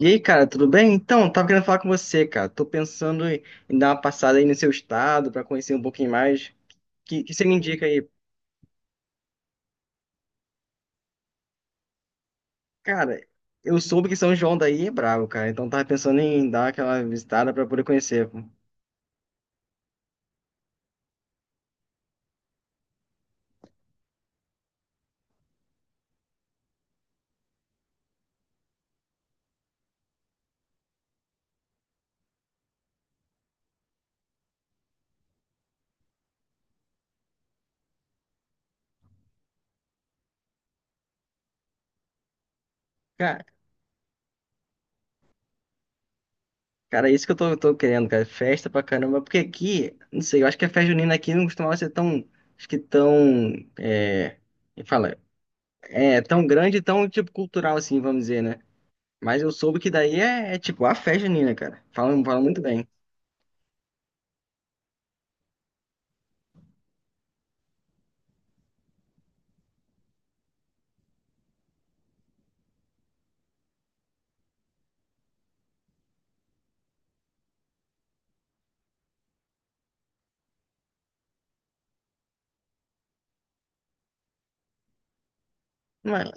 E aí, cara, tudo bem? Então, tava querendo falar com você, cara. Tô pensando em dar uma passada aí no seu estado pra conhecer um pouquinho mais. Que você me indica aí? Cara, eu soube que São João daí é brabo, cara. Então tava pensando em dar aquela visitada pra poder conhecer. Cara, cara, é isso que eu tô querendo, cara. Festa pra caramba. Porque aqui, não sei, eu acho que a festa junina aqui não costumava ser tão, acho que tão, é, me fala, é tão grande, e tão tipo cultural assim, vamos dizer, né? Mas eu soube que daí é tipo a festa junina, cara. Falam muito bem. Mas,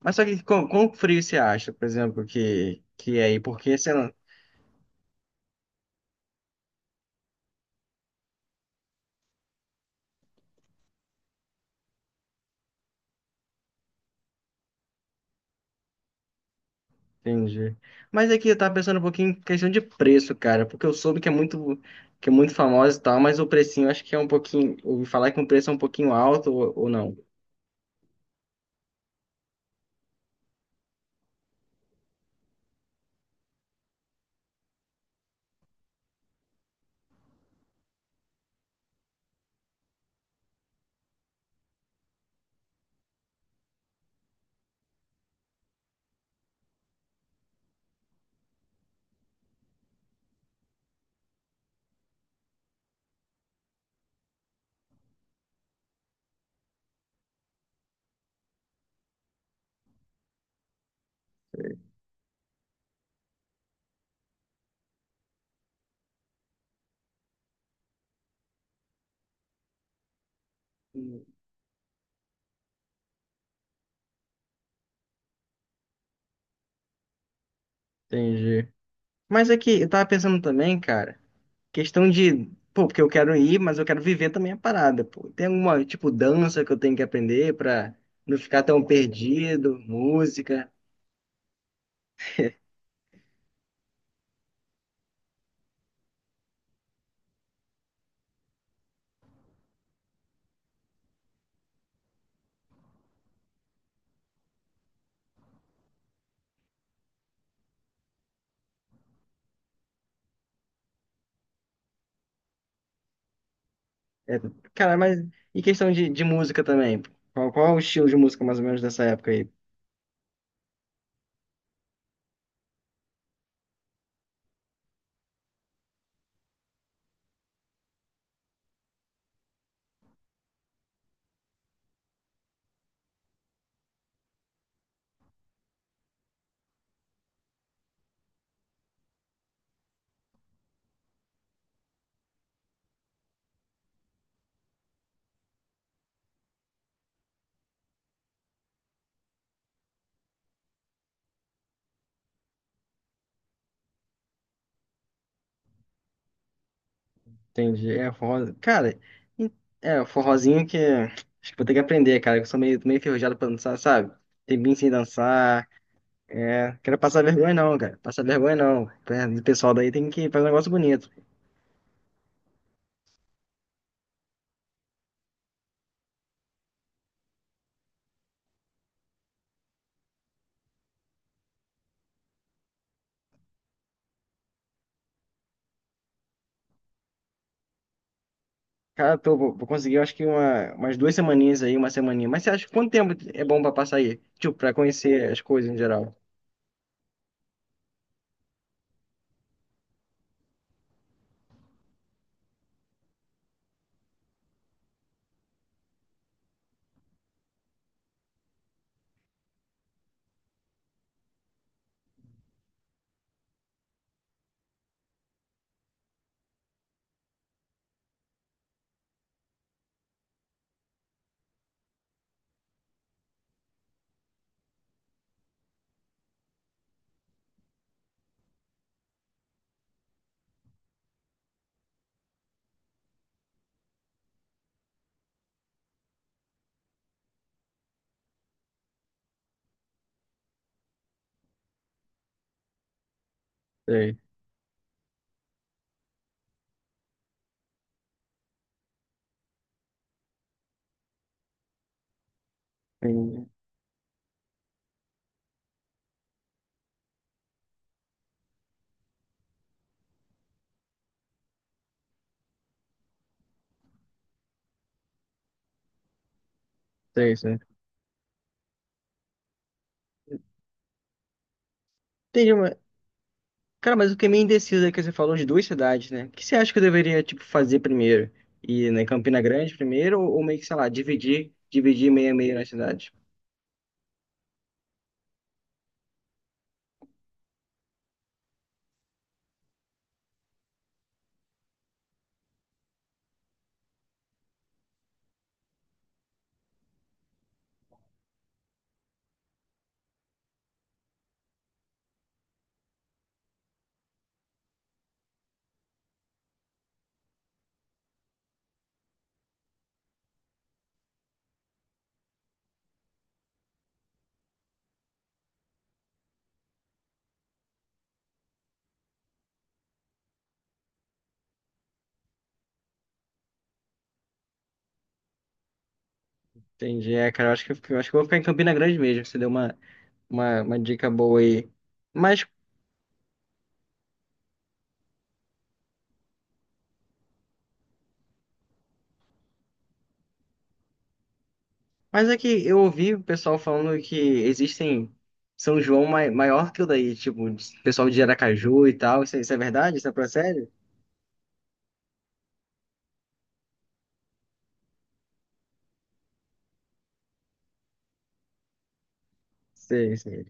mas só que com frio você acha, por exemplo, que é aí? Porque, você não entendi. Mas aqui eu tava pensando um pouquinho em questão de preço, cara, porque eu soube que é muito famosa e tal, mas o precinho eu acho que é um pouquinho. Ouvi falar que o preço é um pouquinho alto ou não. Entendi. Mas aqui eu tava pensando também, cara, questão de. Pô, porque eu quero ir, mas eu quero viver também a parada, pô. Tem alguma, tipo, dança que eu tenho que aprender pra não ficar tão perdido, música. É, cara, mas e questão de música também? Qual é o estilo de música mais ou menos dessa época aí? Entendi. É forró. Cara, e- é forrozinho que acho que vou ter que aprender, cara. Que Eu sou meio enferrujado pra dançar, sabe? Tem bem sem dançar. É, quero passar vergonha não, cara. Passar vergonha não. É, o pessoal daí tem que fazer um negócio bonito. Cara, tô, vou conseguir, eu acho que uma, umas duas semaninhas aí, uma semaninha. Mas você acha que quanto tempo é bom pra passar aí? Tipo, pra conhecer as coisas em geral. Sei, sei, sei, sei. Entendi. Cara, mas eu fiquei meio indeciso aí que você falou de duas cidades, né? O que você acha que eu deveria, tipo, fazer primeiro? Ir na Campina Grande primeiro ou meio que, sei lá, dividir, dividir meia meia na cidade? Entendi. É, cara, eu acho que eu acho que eu vou ficar em Campina Grande mesmo. Você deu uma, uma dica boa aí. Mas, mas é que eu ouvi o pessoal falando que existem São João maior que o daí, tipo, pessoal de Aracaju e tal. Isso é verdade? Isso é pra sério? Sei, sei.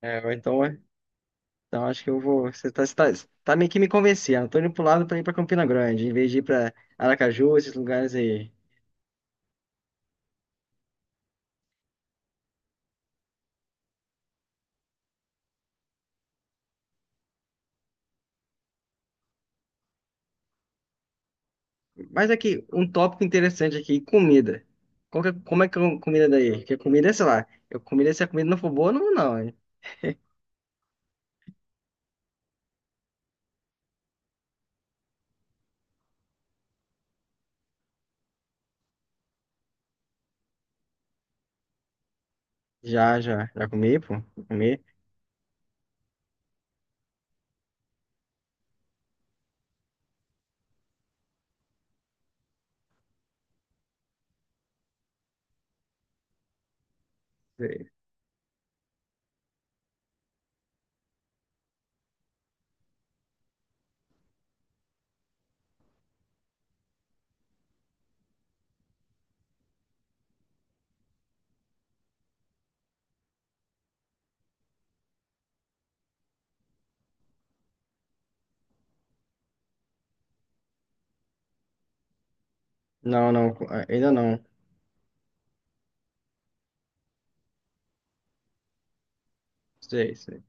É, ou então, Então acho que eu vou. Tá meio que me convencendo. Tô indo pro lado pra ir pra Campina Grande, em vez de ir pra Aracaju, esses lugares aí. Mas aqui, um tópico interessante aqui, comida. Como é que é a comida daí? Porque comida é, sei lá, se a comida não for boa, eu não vou não, hein? Já, já. Já comi, pô. Já comi. Sei. Não, não, ainda não. Sei, sei.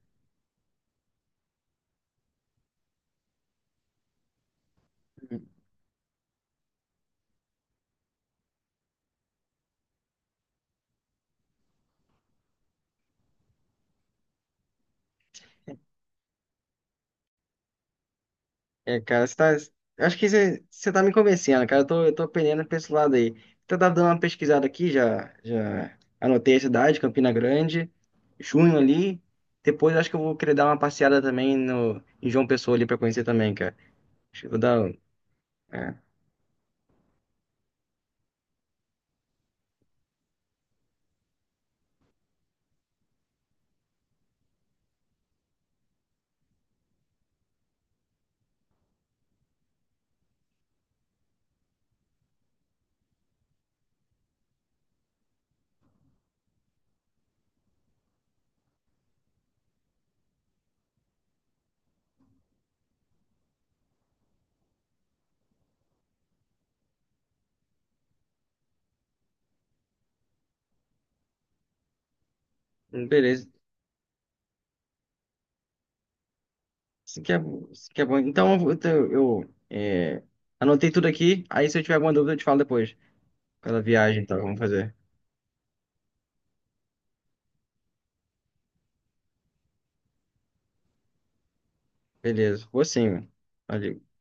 É, cara, você tá. Acho que você tá me convencendo, cara. Eu tô pendendo pra esse lado aí. Então, eu tava dando uma pesquisada aqui, já anotei a cidade, Campina Grande, junho ali. Depois, eu acho que eu vou querer dar uma passeada também no, em João Pessoa ali pra conhecer também, cara. Acho que eu vou dar. É, hum, beleza. Isso que é, isso que é bom. Então, eu anotei tudo aqui. Aí, se eu tiver alguma dúvida, eu te falo depois. Pela viagem, então, vamos fazer. Beleza. Vou sim, mano. Valeu.